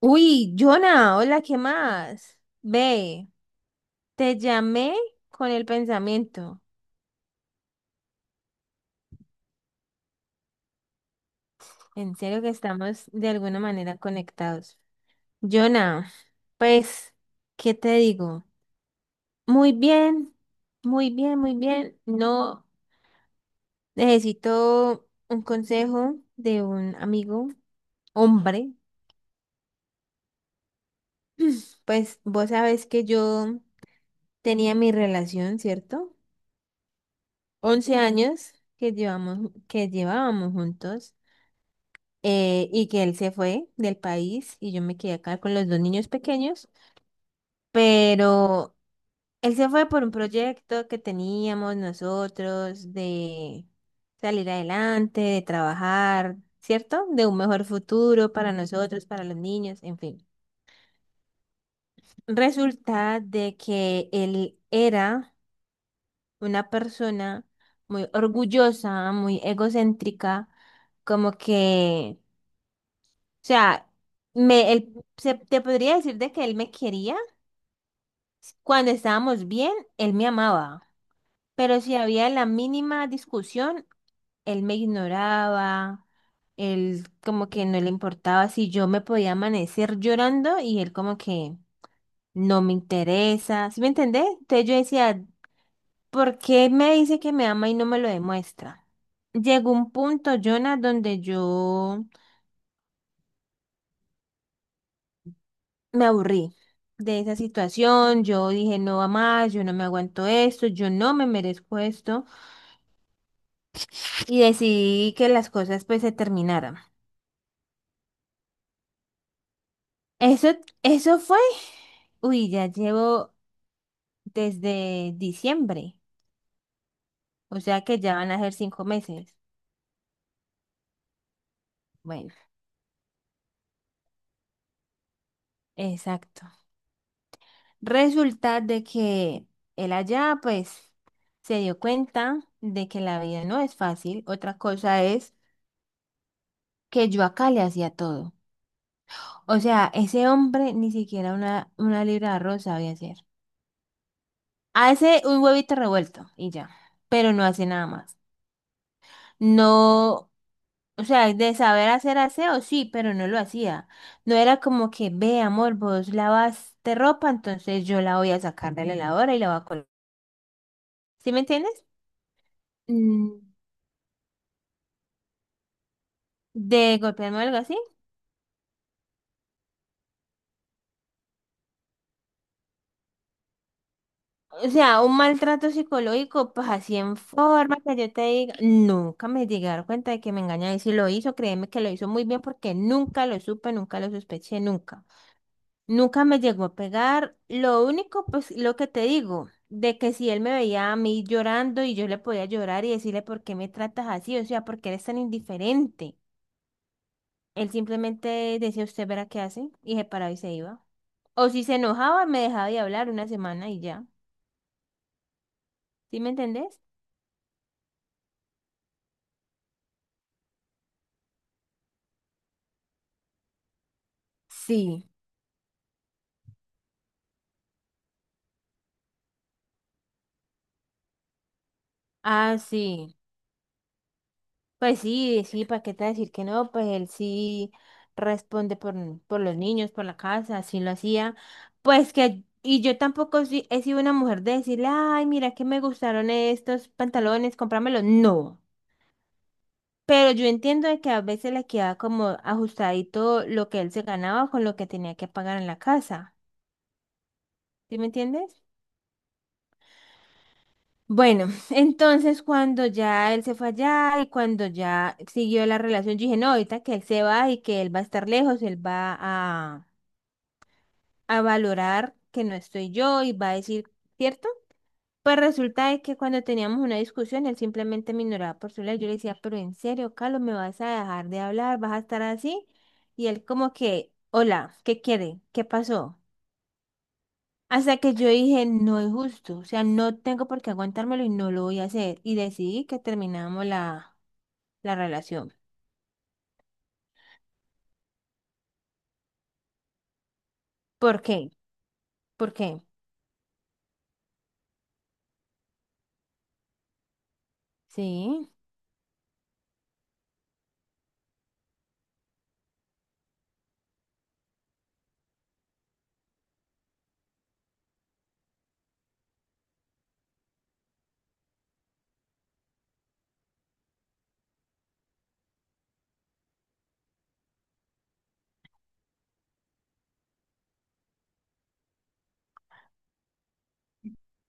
Uy, Jonah, hola, ¿qué más? Ve, te llamé con el pensamiento. En serio que estamos de alguna manera conectados. Jonah, pues, ¿qué te digo? Muy bien, muy bien, muy bien. No necesito un consejo de un amigo, hombre. Pues vos sabes que yo tenía mi relación, ¿cierto? 11 años que llevábamos juntos. Y que él se fue del país y yo me quedé acá con los dos niños pequeños, pero él se fue por un proyecto que teníamos nosotros de salir adelante, de trabajar, ¿cierto? De un mejor futuro para nosotros, para los niños, en fin. Resulta de que él era una persona muy orgullosa, muy egocéntrica, como que O sea, me, él, te podría decir de que él me quería. Cuando estábamos bien, él me amaba. Pero si había la mínima discusión, él me ignoraba. Él como que no le importaba si yo me podía amanecer llorando y él como que no me interesa. ¿Sí me entendés? Entonces yo decía, ¿por qué me dice que me ama y no me lo demuestra? Llegó un punto, Jonah, donde yo me aburrí de esa situación, yo dije no va más, yo no me aguanto esto, yo no me merezco esto y decidí que las cosas pues se terminaran. Eso, eso fue, uy, ya llevo desde diciembre, o sea que ya van a ser 5 meses. Bueno, exacto. Resulta de que él allá pues se dio cuenta de que la vida no es fácil, otra cosa es que yo acá le hacía todo. O sea, ese hombre ni siquiera una libra de arroz sabía hacer. Hace un huevito revuelto y ya, pero no hace nada más. No, o sea, de saber hacer aseo, sí, pero no lo hacía. No era como que, ve, amor, vos lavaste ropa, entonces yo la voy a sacar de la lavadora y la voy a colgar. ¿Sí me entiendes? Mm, De golpearme o algo así. O sea, un maltrato psicológico, pues así en forma que yo te diga, nunca me llegué a dar cuenta de que me engañaba. Y si lo hizo, créeme que lo hizo muy bien porque nunca lo supe, nunca lo sospeché, nunca. Nunca me llegó a pegar. Lo único, pues lo que te digo, de que si él me veía a mí llorando y yo le podía llorar y decirle, ¿por qué me tratas así? O sea, ¿por qué eres tan indiferente? Él simplemente decía, usted verá qué hace y se paraba y se iba. O si se enojaba, me dejaba de hablar una semana y ya. ¿Sí me entendés? Sí. Ah, sí. Pues sí, sí, ¿para qué te voy a decir que no? Pues él sí responde por los niños, por la casa, sí lo hacía. Pues que, y yo tampoco he sido una mujer de decirle, ay, mira que me gustaron estos pantalones, cómpramelos. No. Pero yo entiendo de que a veces le queda como ajustadito lo que él se ganaba con lo que tenía que pagar en la casa. ¿Sí me entiendes? Bueno, entonces cuando ya él se fue allá y cuando ya siguió la relación, yo dije, no, ahorita que él se va y que él va a estar lejos, él va a valorar que no estoy yo y va a decir, ¿cierto? Pues resulta de que cuando teníamos una discusión, él simplemente me ignoraba por su lado. Yo le decía, pero en serio, Carlos, ¿me vas a dejar de hablar? ¿Vas a estar así? Y él como que, hola, ¿qué quiere? ¿Qué pasó? Hasta que yo dije, no es justo, o sea, no tengo por qué aguantármelo y no lo voy a hacer. Y decidí que terminamos la, la relación. ¿Por qué? ¿Por qué? Sí.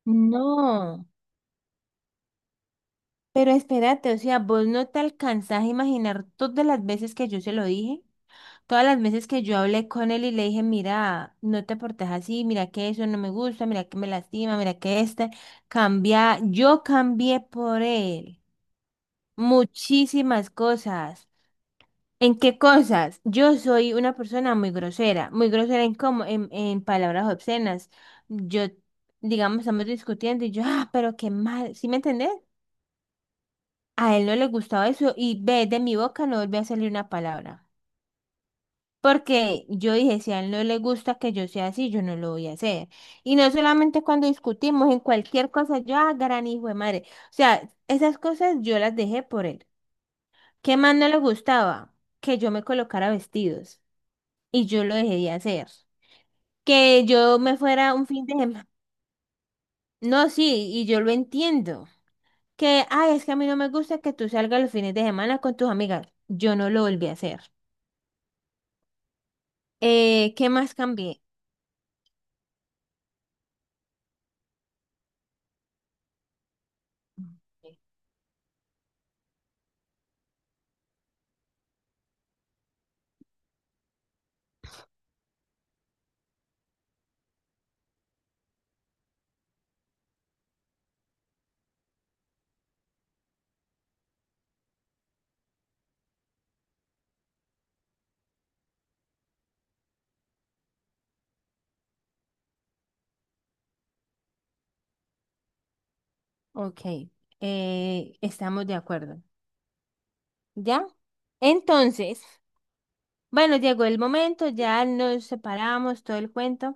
No, pero espérate, o sea, vos no te alcanzás a imaginar todas las veces que yo se lo dije, todas las veces que yo hablé con él y le dije, mira, no te portes así, mira que eso no me gusta, mira que me lastima, mira que este cambia, yo cambié por él, muchísimas cosas. ¿En qué cosas? Yo soy una persona muy grosera en cómo, en palabras obscenas. Yo, digamos, estamos discutiendo y yo, ah, pero qué mal, ¿sí me entendés? A él no le gustaba eso y ve, de mi boca no volvió a salir una palabra. Porque yo dije, si a él no le gusta que yo sea así, yo no lo voy a hacer. Y no solamente cuando discutimos, en cualquier cosa, yo, ah, gran hijo de madre. O sea, esas cosas yo las dejé por él. ¿Qué más no le gustaba? Que yo me colocara vestidos. Y yo lo dejé de hacer. Que yo me fuera un fin de semana. No, sí, y yo lo entiendo. Que, ay, es que a mí no me gusta que tú salgas los fines de semana con tus amigas. Yo no lo volví a hacer. ¿Qué más cambié? Ok, estamos de acuerdo. ¿Ya? Entonces, bueno, llegó el momento, ya nos separamos, todo el cuento.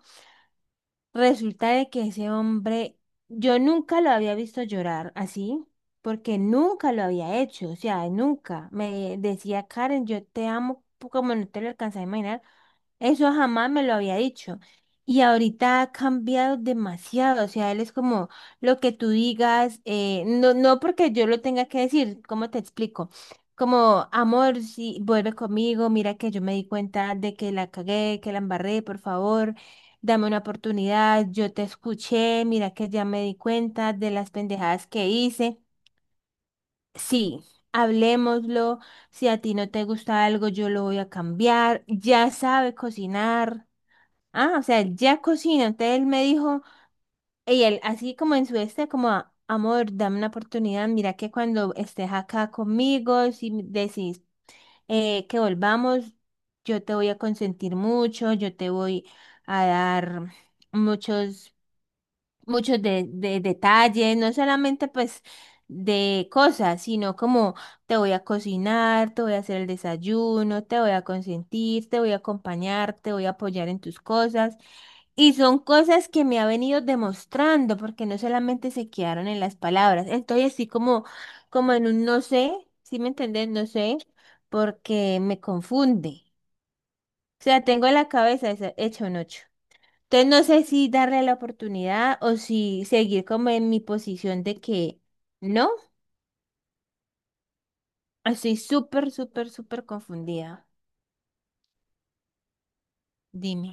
Resulta de que ese hombre, yo nunca lo había visto llorar así, porque nunca lo había hecho, o sea, nunca. Me decía, Karen, yo te amo como no te lo alcanzas a imaginar. Eso jamás me lo había dicho. Y ahorita ha cambiado demasiado. O sea, él es como lo que tú digas, no, no porque yo lo tenga que decir, ¿cómo te explico? Como, amor, si vuelve conmigo, mira que yo me di cuenta de que la cagué, que la embarré, por favor, dame una oportunidad, yo te escuché, mira que ya me di cuenta de las pendejadas que hice. Sí, hablémoslo, si a ti no te gusta algo, yo lo voy a cambiar, ya sabe cocinar. Ah, o sea, él ya cocina. Entonces él me dijo, y él así como en su este, como, amor, dame una oportunidad. Mira que cuando estés acá conmigo, si me decís que volvamos, yo te voy a consentir mucho, yo te voy a dar muchos, muchos de detalles, no solamente pues de cosas, sino como te voy a cocinar, te voy a hacer el desayuno, te voy a consentir, te voy a acompañar, te voy a apoyar en tus cosas. Y son cosas que me ha venido demostrando, porque no solamente se quedaron en las palabras. Estoy así como en un no sé, ¿sí me entendés? No sé, porque me confunde. O sea, tengo la cabeza hecha un ocho. Entonces no sé si darle la oportunidad o si seguir como en mi posición de que no. Estoy súper, súper, súper confundida. Dime,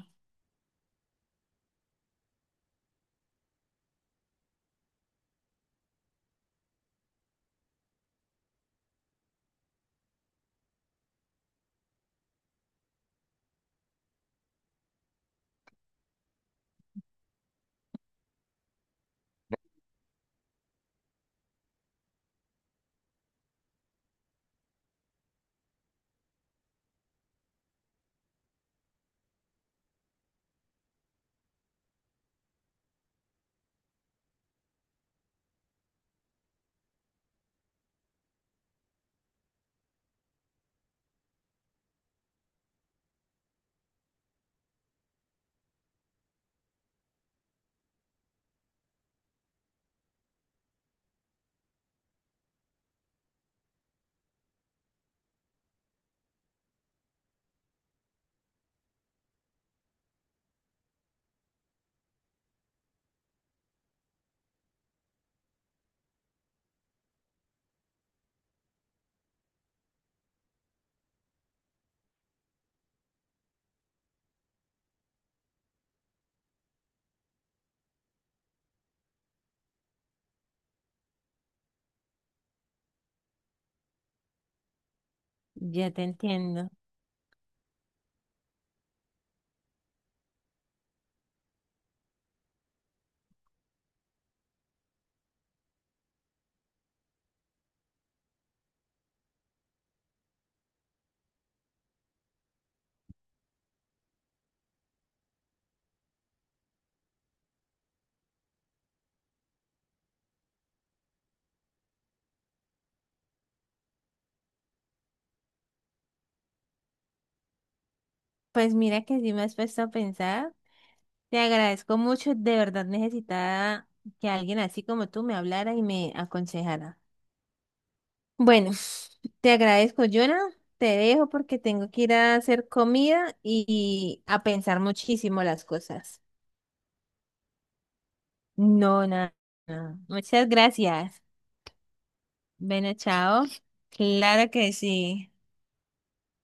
ya te entiendo. Pues mira que sí me has puesto a pensar. Te agradezco mucho, de verdad necesitaba que alguien así como tú me hablara y me aconsejara. Bueno, te agradezco, Jonah. Te dejo porque tengo que ir a hacer comida y a pensar muchísimo las cosas. No, nada. Nada. Muchas gracias. Bueno, chao. Claro que sí.